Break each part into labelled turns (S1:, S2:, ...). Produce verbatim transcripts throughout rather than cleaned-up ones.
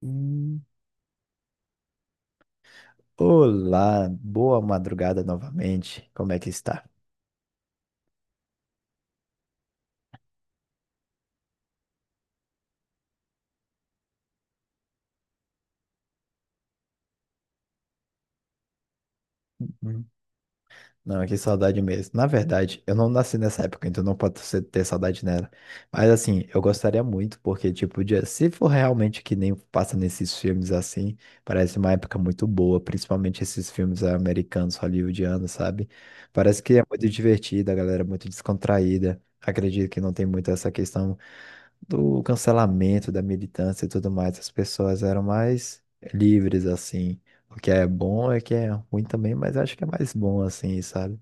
S1: Hum, Olá, boa madrugada novamente. Como é que está? Uhum. Não, que saudade mesmo. Na verdade, eu não nasci nessa época, então não pode ser- ter saudade nela. Mas assim, eu gostaria muito, porque, tipo, de- se for realmente que nem passa nesses filmes assim, parece uma época muito boa, principalmente esses filmes americanos, hollywoodianos, sabe? Parece que é muito divertida, a galera é muito descontraída. Acredito que não tem muito essa questão do cancelamento, da militância e tudo mais, as pessoas eram mais livres, assim. O que é bom é que é ruim também, mas acho que é mais bom, assim, sabe?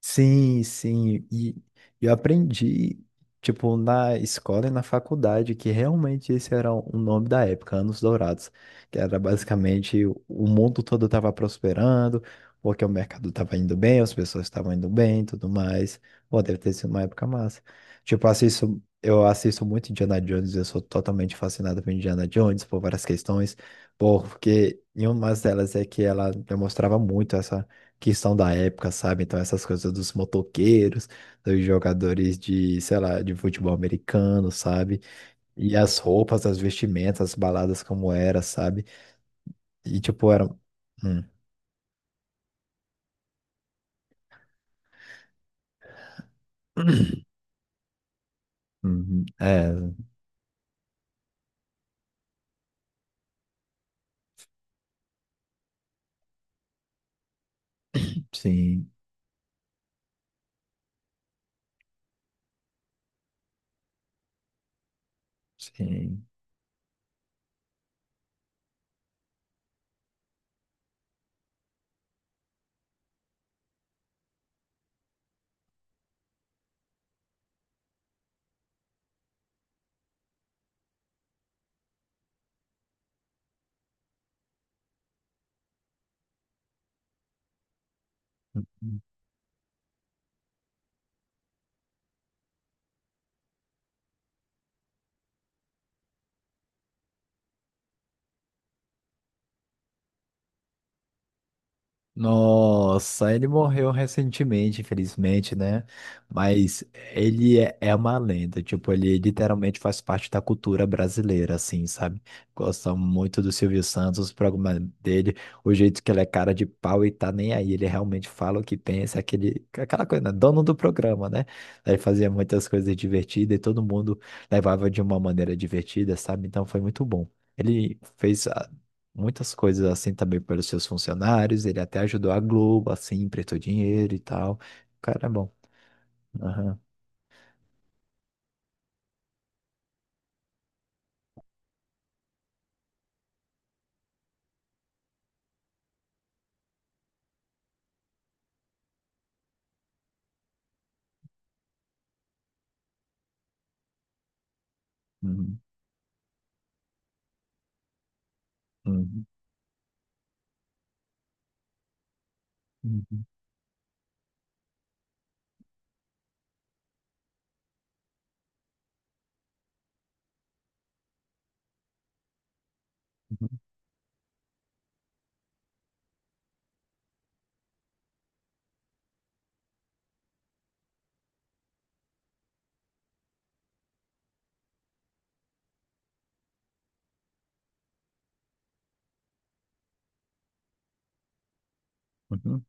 S1: Sim, sim. E eu aprendi, tipo, na escola e na faculdade, que realmente esse era o nome da época, Anos Dourados, que era basicamente o o mundo todo estava prosperando, porque o mercado estava indo bem, as pessoas estavam indo bem, e tudo mais. Pô, deve ter sido uma época massa. Tipo, assisto, eu assisto muito Indiana Jones, eu sou totalmente fascinado por Indiana Jones, por várias questões, porque em uma delas é que ela demonstrava muito essa que são da época, sabe? Então, essas coisas dos motoqueiros, dos jogadores de, sei lá, de futebol americano, sabe? E as roupas, as vestimentas, as baladas como era, sabe? E, tipo, era... Hum. Uhum. É, sim, sim. Nossa, ele morreu recentemente, infelizmente, né? Mas ele é, é uma lenda, tipo, ele literalmente faz parte da cultura brasileira, assim, sabe? Gostam muito do Silvio Santos, o programa dele, o jeito que ele é cara de pau e tá nem aí, ele realmente fala o que pensa, aquele, aquela coisa, né? Dono do programa, né? Ele fazia muitas coisas divertidas e todo mundo levava de uma maneira divertida, sabe? Então foi muito bom. Ele fez muitas coisas assim também pelos seus funcionários. Ele até ajudou a Globo, assim, emprestou dinheiro e tal. O cara é bom. Aham. Uhum. Uhum. Uhum. Uhum. Uhum.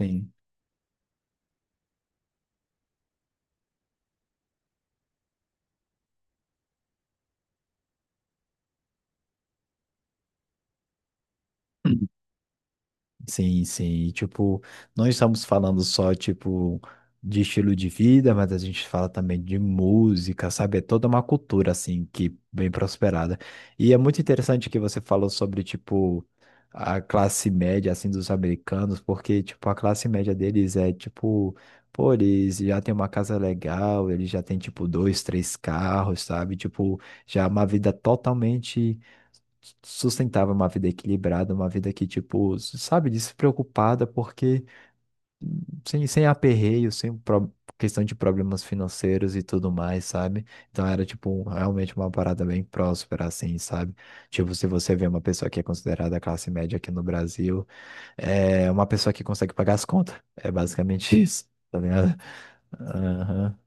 S1: Sim. Sim, sim. E, tipo, não estamos falando só, tipo, de estilo de vida, mas a gente fala também de música, sabe? É toda uma cultura, assim, que bem prosperada. E é muito interessante que você falou sobre, tipo, a classe média, assim, dos americanos, porque, tipo, a classe média deles é, tipo, pô, eles já têm uma casa legal, eles já têm, tipo, dois, três carros, sabe? Tipo, já é uma vida totalmente sustentava uma vida equilibrada, uma vida que, tipo, sabe, despreocupada, porque sem, sem aperreio, sem pro- questão de problemas financeiros e tudo mais, sabe? Então era, tipo, um, realmente uma parada bem próspera, assim, sabe? Tipo, se você vê uma pessoa que é considerada classe média aqui no Brasil, é uma pessoa que consegue pagar as contas. É basicamente isso, tá ligado? Aham.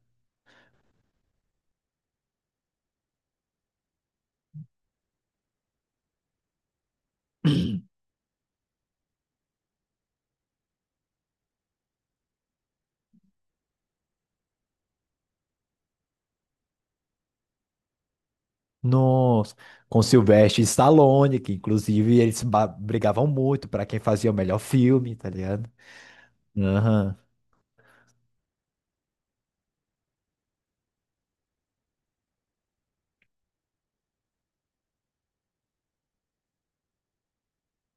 S1: Nossa, com Sylvester Stallone, que inclusive eles ba- brigavam muito para quem fazia o melhor filme, tá ligado? Aham.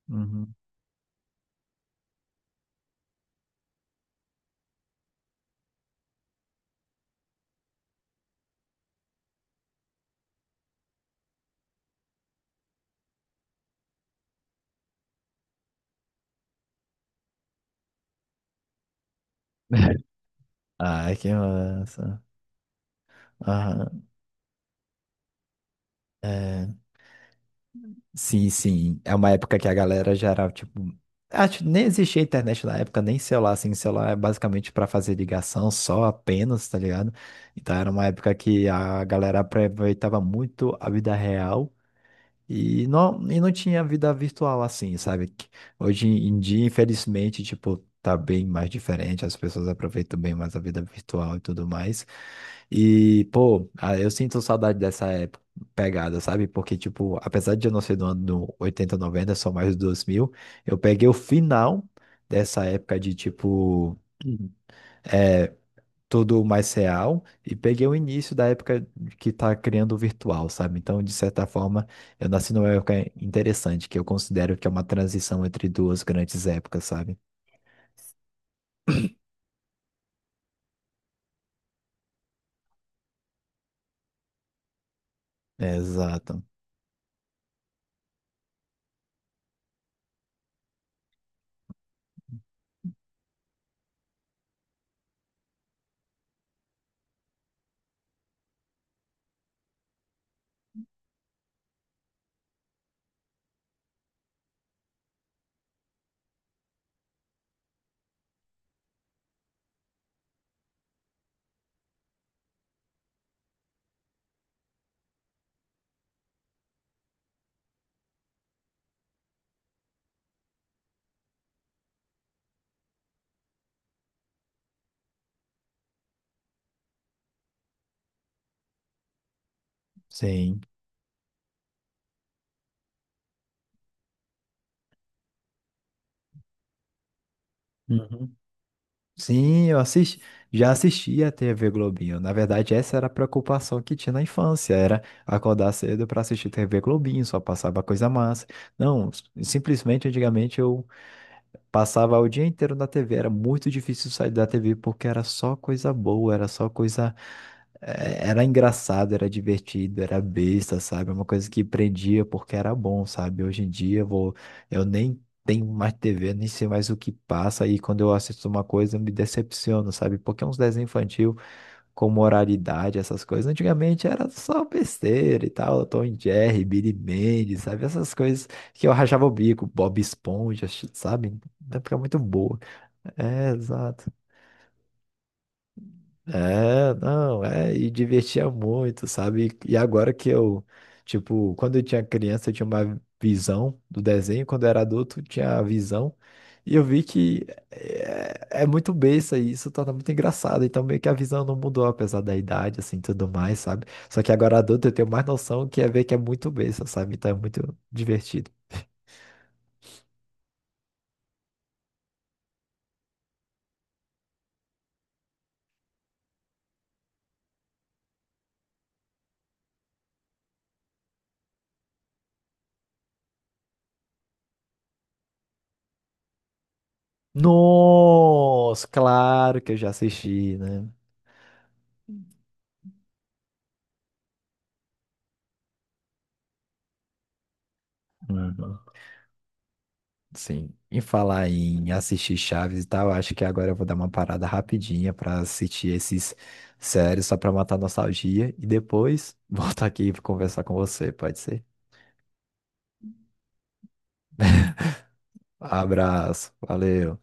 S1: Uhum. Ai, que massa. Aham. É, sim, sim. É uma época que a galera já era, tipo. Acho que nem existia internet na época, nem celular, assim. Celular é basicamente para fazer ligação só apenas, tá ligado? Então era uma época que a galera aproveitava muito a vida real. E não, e não tinha vida virtual assim, sabe? Que hoje em dia, infelizmente, tipo, tá bem mais diferente, as pessoas aproveitam bem mais a vida virtual e tudo mais. E, pô, ah, eu sinto saudade dessa época, pegada, sabe? Porque, tipo, apesar de eu não ser do ano oitenta noventa só mais dos dois mil, eu peguei o final dessa época de, tipo, tudo mais real e peguei o início da época que está criando o virtual, sabe? Então, de certa forma, eu nasci numa época interessante, que eu considero que é uma transição entre duas grandes épocas, sabe? É, exato. Sim. Uhum. Sim, eu assisti, já assisti a T V Globinho. Na verdade, essa era a preocupação que tinha na infância, era acordar cedo para assistir T V Globinho, só passava coisa massa. Não, s- simplesmente antigamente eu passava o dia inteiro na T V, era muito difícil sair da T V porque era só coisa boa, era só coisa. eh, Era engraçado, era divertido, era besta, sabe? Uma coisa que prendia porque era bom, sabe? Hoje em dia eu vou... eu nem tenho mais T V, nem sei mais o que passa, e quando eu assisto uma coisa eu me decepciono, sabe? Porque é uns desenhos infantis com moralidade, essas coisas. Antigamente era só besteira e tal, Tom e Jerry, Billy Mendes, sabe? Essas coisas que eu rachava o bico, Bob Esponja, sabe? Uma época muito boa. É, exato. É, não, é, e divertia muito, sabe? E agora que eu, tipo, quando eu tinha criança, eu tinha uma visão do desenho, quando eu era adulto, eu tinha a visão, e eu vi que é, é muito besta e isso torna muito engraçado, então meio que a visão não mudou, apesar da idade, assim, tudo mais, sabe? Só que agora adulto eu tenho mais noção que é ver que é muito besta, sabe? Então é muito divertido. Nossa, claro que eu já assisti, né? Sim. Em falar em assistir Chaves e tal, acho que agora eu vou dar uma parada rapidinha pra assistir esses séries só pra matar a nostalgia e depois voltar aqui e conversar com você, pode ser? Abraço, valeu.